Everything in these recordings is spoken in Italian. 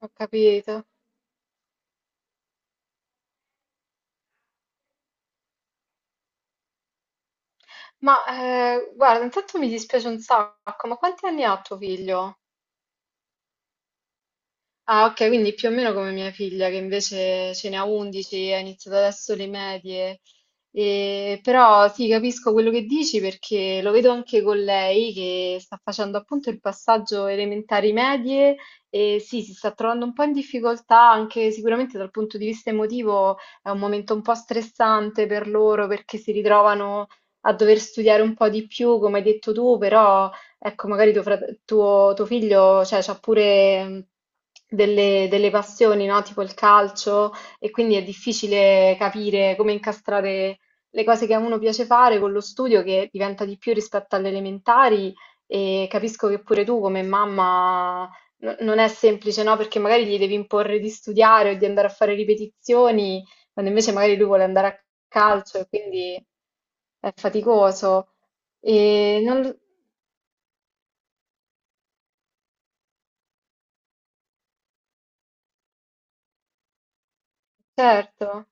Ho capito. Ma Guarda, intanto mi dispiace un sacco, ma quanti anni ha tuo figlio? Ah, ok, quindi più o meno come mia figlia, che invece ce ne ha 11, ha iniziato adesso le medie. Però sì, capisco quello che dici perché lo vedo anche con lei che sta facendo appunto il passaggio elementari medie e sì, si sta trovando un po' in difficoltà anche sicuramente dal punto di vista emotivo. È un momento un po' stressante per loro perché si ritrovano a dover studiare un po' di più, come hai detto tu, però ecco, magari tuo figlio, cioè, c'ha pure delle passioni, no? Tipo il calcio, e quindi è difficile capire come incastrare le cose che a uno piace fare con lo studio che diventa di più rispetto alle elementari, e capisco che pure tu come mamma non è semplice, no? Perché magari gli devi imporre di studiare o di andare a fare ripetizioni, quando invece magari lui vuole andare a calcio e quindi è faticoso. E non, certo.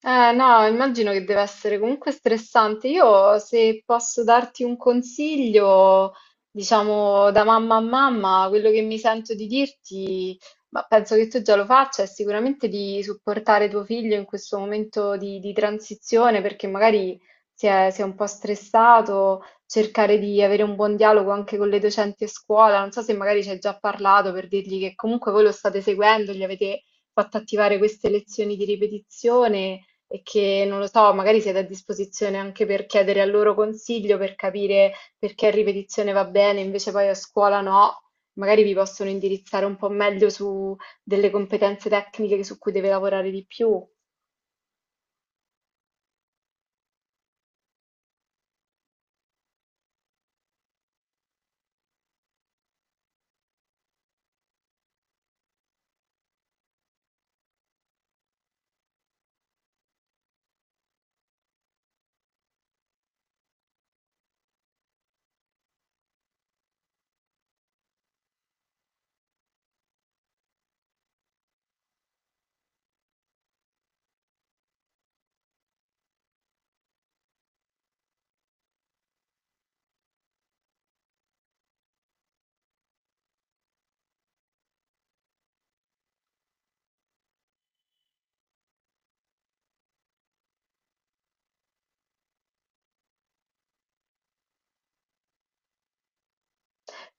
No, immagino che deve essere comunque stressante. Io, se posso darti un consiglio, diciamo da mamma a mamma, quello che mi sento di dirti, ma penso che tu già lo faccia, è sicuramente di supportare tuo figlio in questo momento di transizione, perché magari si è un po' stressato, cercare di avere un buon dialogo anche con le docenti a scuola. Non so se magari ci hai già parlato per dirgli che comunque voi lo state seguendo, gli avete fatto attivare queste lezioni di ripetizione e che, non lo so, magari siete a disposizione anche per chiedere al loro consiglio per capire perché in ripetizione va bene, invece poi a scuola no, magari vi possono indirizzare un po' meglio su delle competenze tecniche su cui deve lavorare di più.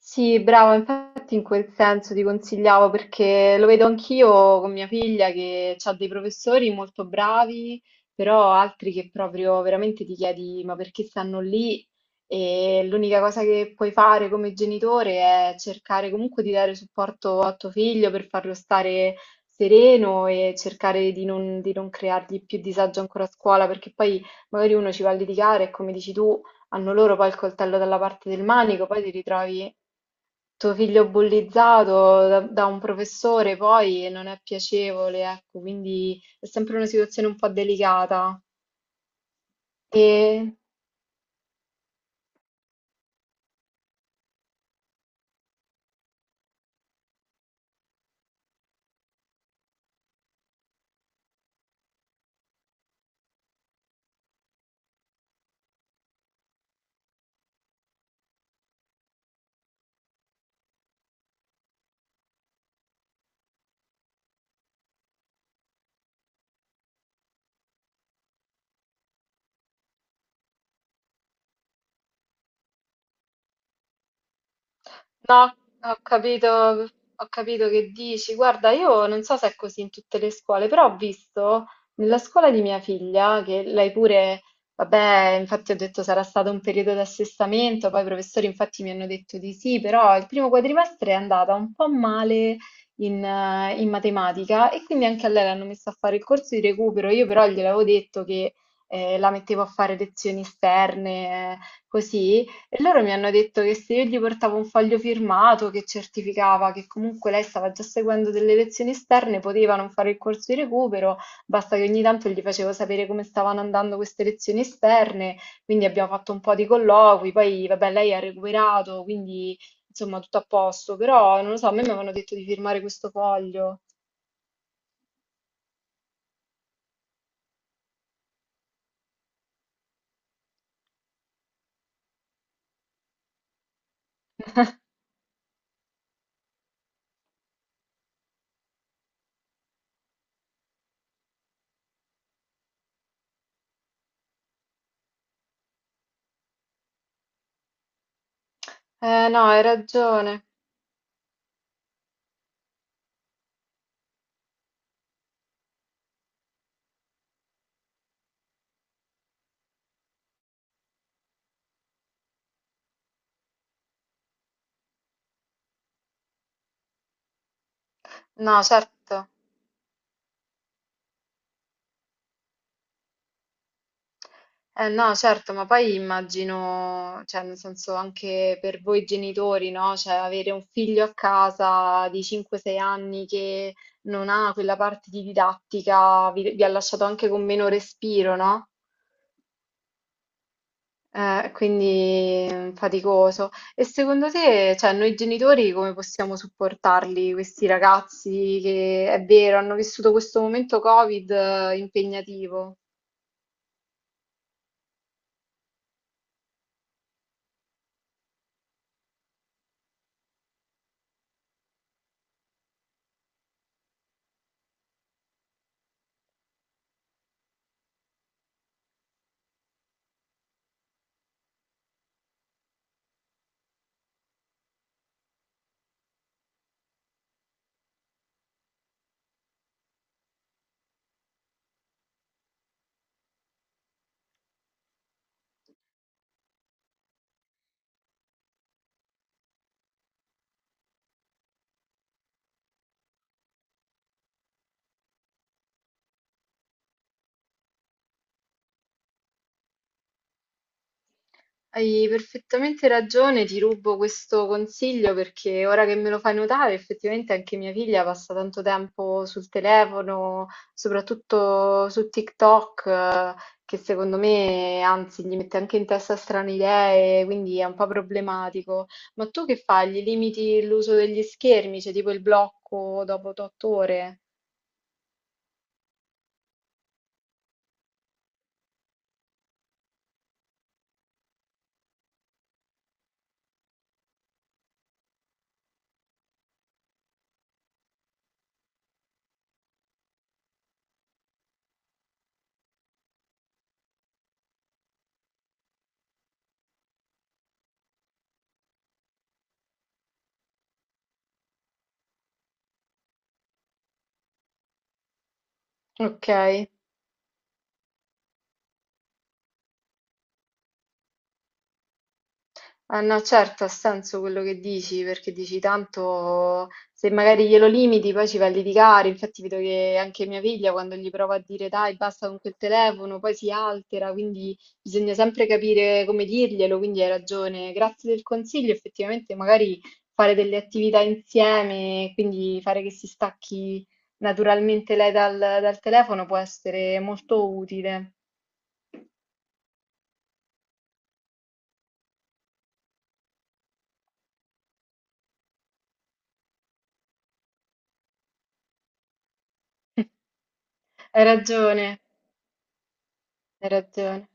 Sì, bravo, infatti in quel senso ti consigliavo perché lo vedo anch'io con mia figlia che ha dei professori molto bravi, però altri che proprio veramente ti chiedi ma perché stanno lì? E l'unica cosa che puoi fare come genitore è cercare comunque di dare supporto a tuo figlio per farlo stare sereno e cercare di non creargli più disagio ancora a scuola, perché poi magari uno ci va a litigare e come dici tu, hanno loro poi il coltello dalla parte del manico, poi ti ritrovi tuo figlio bullizzato da un professore, poi non è piacevole, ecco, quindi è sempre una situazione un po' delicata. E no, ho capito, ho capito che dici. Guarda, io non so se è così in tutte le scuole, però ho visto nella scuola di mia figlia che lei pure, vabbè, infatti ho detto sarà stato un periodo di assestamento, poi i professori infatti mi hanno detto di sì, però il primo quadrimestre è andata un po' male in, in matematica, e quindi anche a lei l'hanno messa a fare il corso di recupero. Io però gliel'avevo detto che la mettevo a fare lezioni esterne, così. E loro mi hanno detto che se io gli portavo un foglio firmato che certificava che comunque lei stava già seguendo delle lezioni esterne, poteva non fare il corso di recupero, basta che ogni tanto gli facevo sapere come stavano andando queste lezioni esterne, quindi abbiamo fatto un po' di colloqui, poi vabbè lei ha recuperato, quindi insomma tutto a posto, però non lo so, a me mi avevano detto di firmare questo foglio. Eh no, hai ragione. No, certo. Eh no, certo, ma poi immagino, cioè nel senso anche per voi genitori, no? Cioè avere un figlio a casa di 5-6 anni che non ha quella parte di didattica, vi ha lasciato anche con meno respiro, no? Quindi faticoso. E secondo te, cioè noi genitori come possiamo supportarli, questi ragazzi che è vero, hanno vissuto questo momento Covid impegnativo? Hai perfettamente ragione, ti rubo questo consiglio perché ora che me lo fai notare, effettivamente anche mia figlia passa tanto tempo sul telefono, soprattutto su TikTok, che secondo me, anzi, gli mette anche in testa strane idee, quindi è un po' problematico. Ma tu che fai? Gli limiti l'uso degli schermi, c'è tipo il blocco dopo 8 ore? Ok. Ah, no, certo, ha senso quello che dici, perché dici tanto se magari glielo limiti poi ci va a litigare. Infatti vedo che anche mia figlia quando gli prova a dire dai, basta con quel telefono, poi si altera, quindi bisogna sempre capire come dirglielo, quindi hai ragione. Grazie del consiglio, effettivamente magari fare delle attività insieme, quindi fare che si stacchi naturalmente lei dal telefono può essere molto utile. Hai ragione, hai ragione.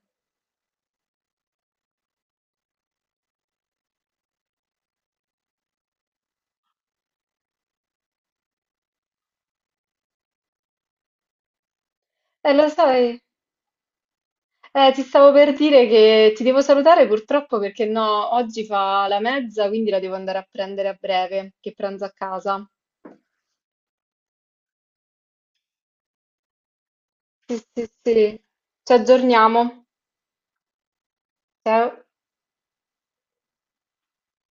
E lo sai. Ti stavo per dire che ti devo salutare purtroppo perché no, oggi fa la mezza, quindi la devo andare a prendere a breve, che pranzo a casa. Sì, sì, sì. Ci aggiorniamo. Ciao.